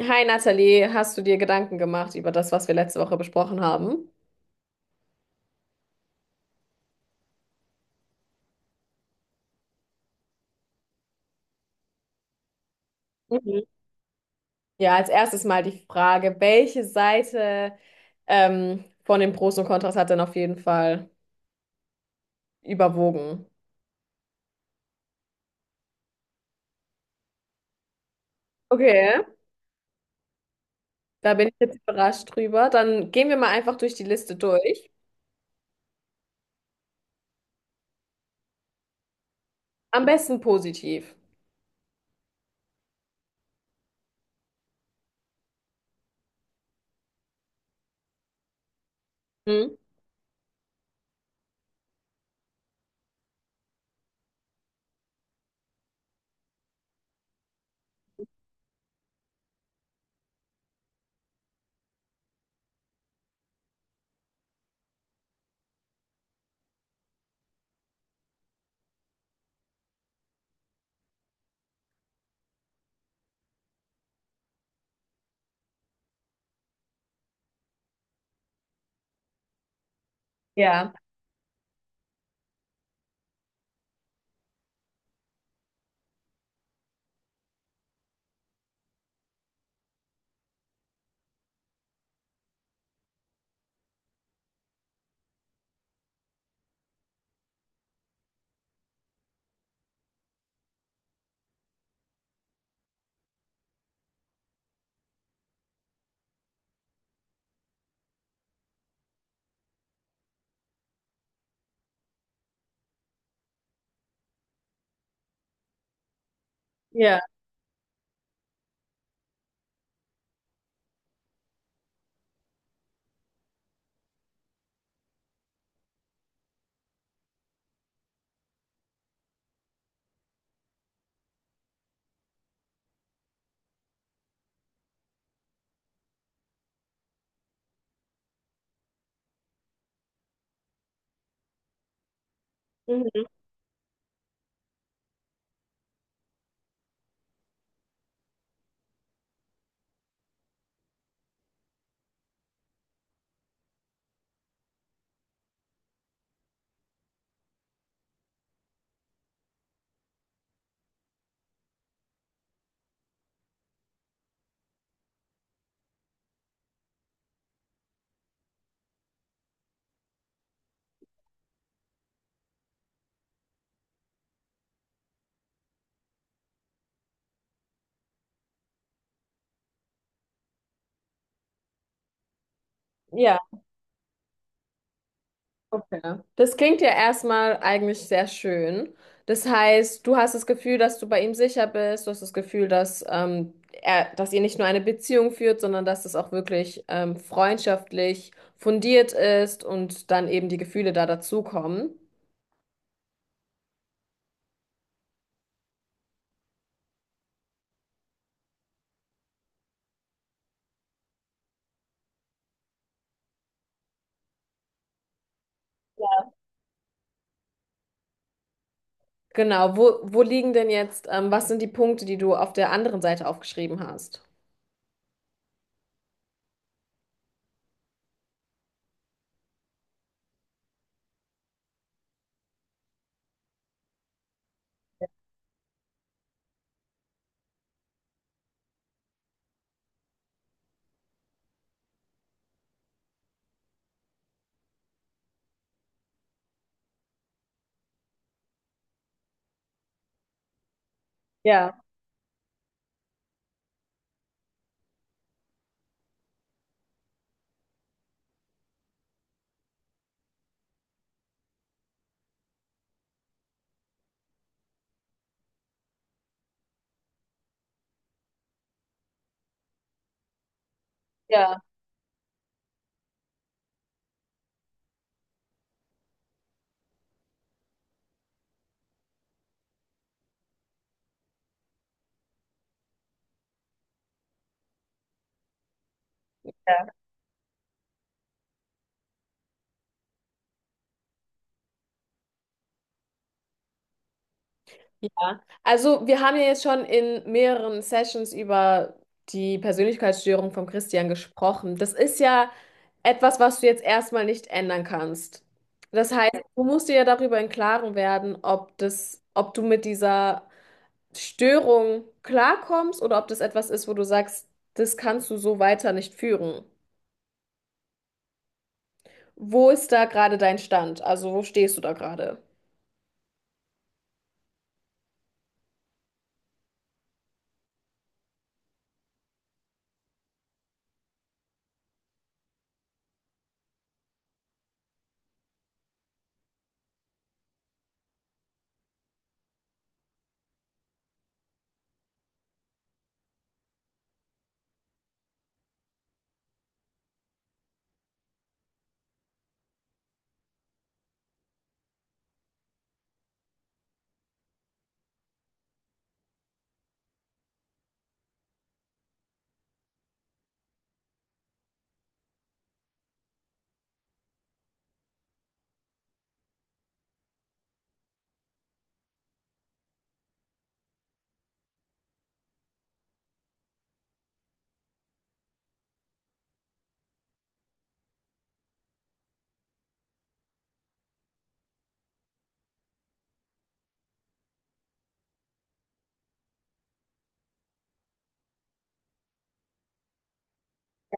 Hi Nathalie, hast du dir Gedanken gemacht über das, was wir letzte Woche besprochen haben? Mhm. Ja, als erstes mal die Frage, welche Seite von den Pros und Kontras hat denn auf jeden Fall überwogen? Okay. Da bin ich jetzt überrascht drüber. Dann gehen wir mal einfach durch die Liste durch. Am besten positiv. Mhm. Ja. Ja. Mhm. Ja. Okay. Das klingt ja erstmal eigentlich sehr schön. Das heißt, du hast das Gefühl, dass du bei ihm sicher bist, du hast das Gefühl, dass, er, dass ihr nicht nur eine Beziehung führt, sondern dass das auch wirklich freundschaftlich fundiert ist und dann eben die Gefühle da dazukommen. Genau, wo liegen denn jetzt, was sind die Punkte, die du auf der anderen Seite aufgeschrieben hast? Ja, ja, ja. Ja, also wir haben ja jetzt schon in mehreren Sessions über die Persönlichkeitsstörung von Christian gesprochen. Das ist ja etwas, was du jetzt erstmal nicht ändern kannst. Das heißt, du musst dir ja darüber im Klaren werden, ob du mit dieser Störung klarkommst oder ob das etwas ist, wo du sagst, das kannst du so weiter nicht führen. Wo ist da gerade dein Stand? Also wo stehst du da gerade?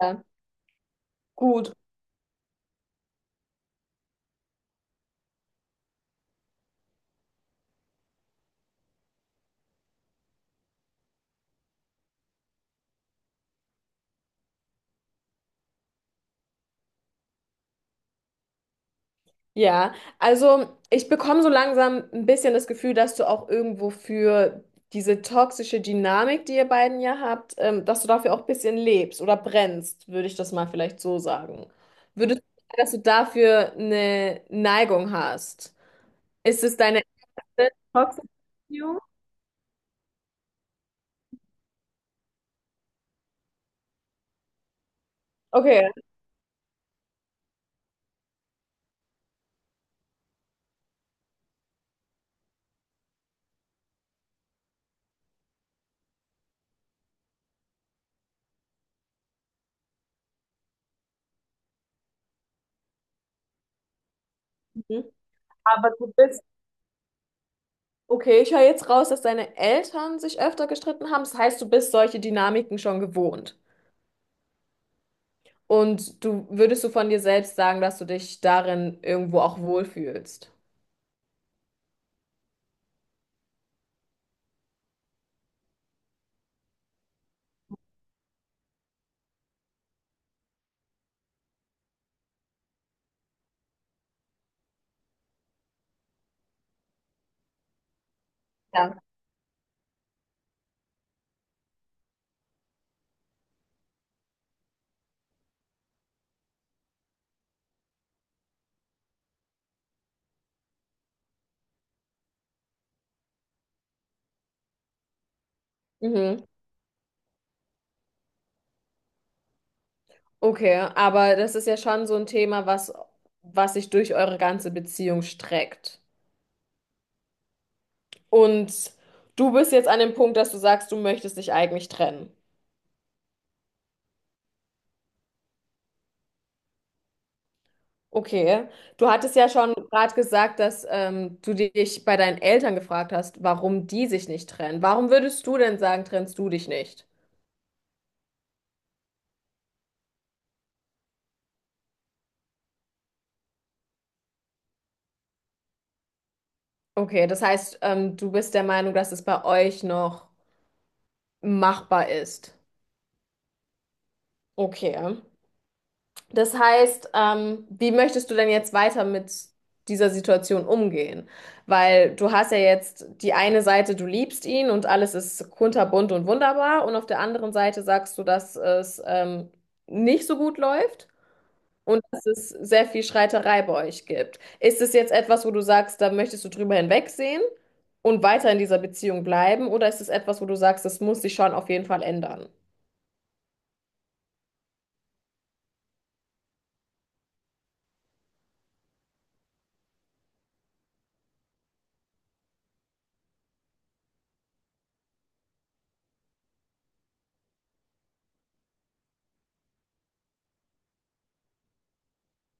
Ja, gut. Ja, also ich bekomme so langsam ein bisschen das Gefühl, dass du auch irgendwo für diese toxische Dynamik, die ihr beiden ja habt, dass du dafür auch ein bisschen lebst oder brennst, würde ich das mal vielleicht so sagen. Würdest du sagen, dass du dafür eine Neigung hast? Ist es deine erste toxische Beziehung? Okay. Mhm. Aber du bist. Okay, ich höre jetzt raus, dass deine Eltern sich öfter gestritten haben. Das heißt, du bist solche Dynamiken schon gewohnt. Und du würdest du von dir selbst sagen, dass du dich darin irgendwo auch wohlfühlst? Ja. Mhm. Okay, aber das ist ja schon so ein Thema, was sich durch eure ganze Beziehung streckt. Und du bist jetzt an dem Punkt, dass du sagst, du möchtest dich eigentlich trennen. Okay, du hattest ja schon gerade gesagt, dass du dich bei deinen Eltern gefragt hast, warum die sich nicht trennen. Warum würdest du denn sagen, trennst du dich nicht? Okay, das heißt, du bist der Meinung, dass es bei euch noch machbar ist. Okay. Das heißt, wie möchtest du denn jetzt weiter mit dieser Situation umgehen? Weil du hast ja jetzt die eine Seite, du liebst ihn und alles ist kunterbunt und wunderbar, und auf der anderen Seite sagst du, dass es nicht so gut läuft und dass es sehr viel Streiterei bei euch gibt. Ist es jetzt etwas, wo du sagst, da möchtest du drüber hinwegsehen und weiter in dieser Beziehung bleiben, oder ist es etwas, wo du sagst, das muss sich schon auf jeden Fall ändern?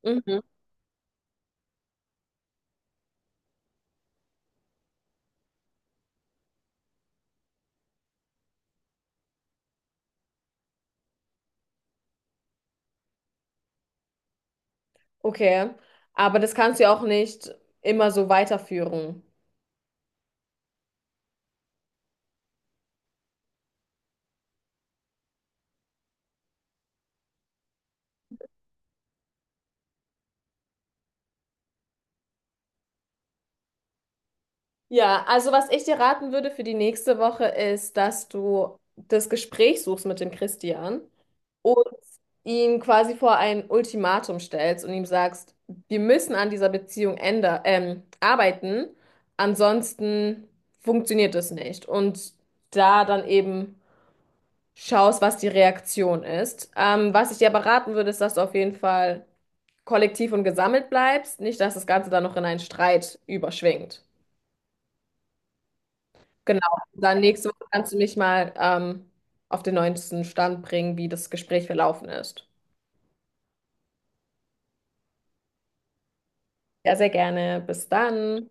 Mhm. Okay, aber das kannst du auch nicht immer so weiterführen. Ja, also was ich dir raten würde für die nächste Woche ist, dass du das Gespräch suchst mit dem Christian und ihn quasi vor ein Ultimatum stellst und ihm sagst, wir müssen an dieser Beziehung änder arbeiten, ansonsten funktioniert es nicht. Und da dann eben schaust, was die Reaktion ist. Was ich dir aber raten würde, ist, dass du auf jeden Fall kollektiv und gesammelt bleibst, nicht, dass das Ganze dann noch in einen Streit überschwingt. Genau. Dann nächste Woche kannst du mich mal auf den neuesten Stand bringen, wie das Gespräch verlaufen ist. Ja, sehr gerne. Bis dann.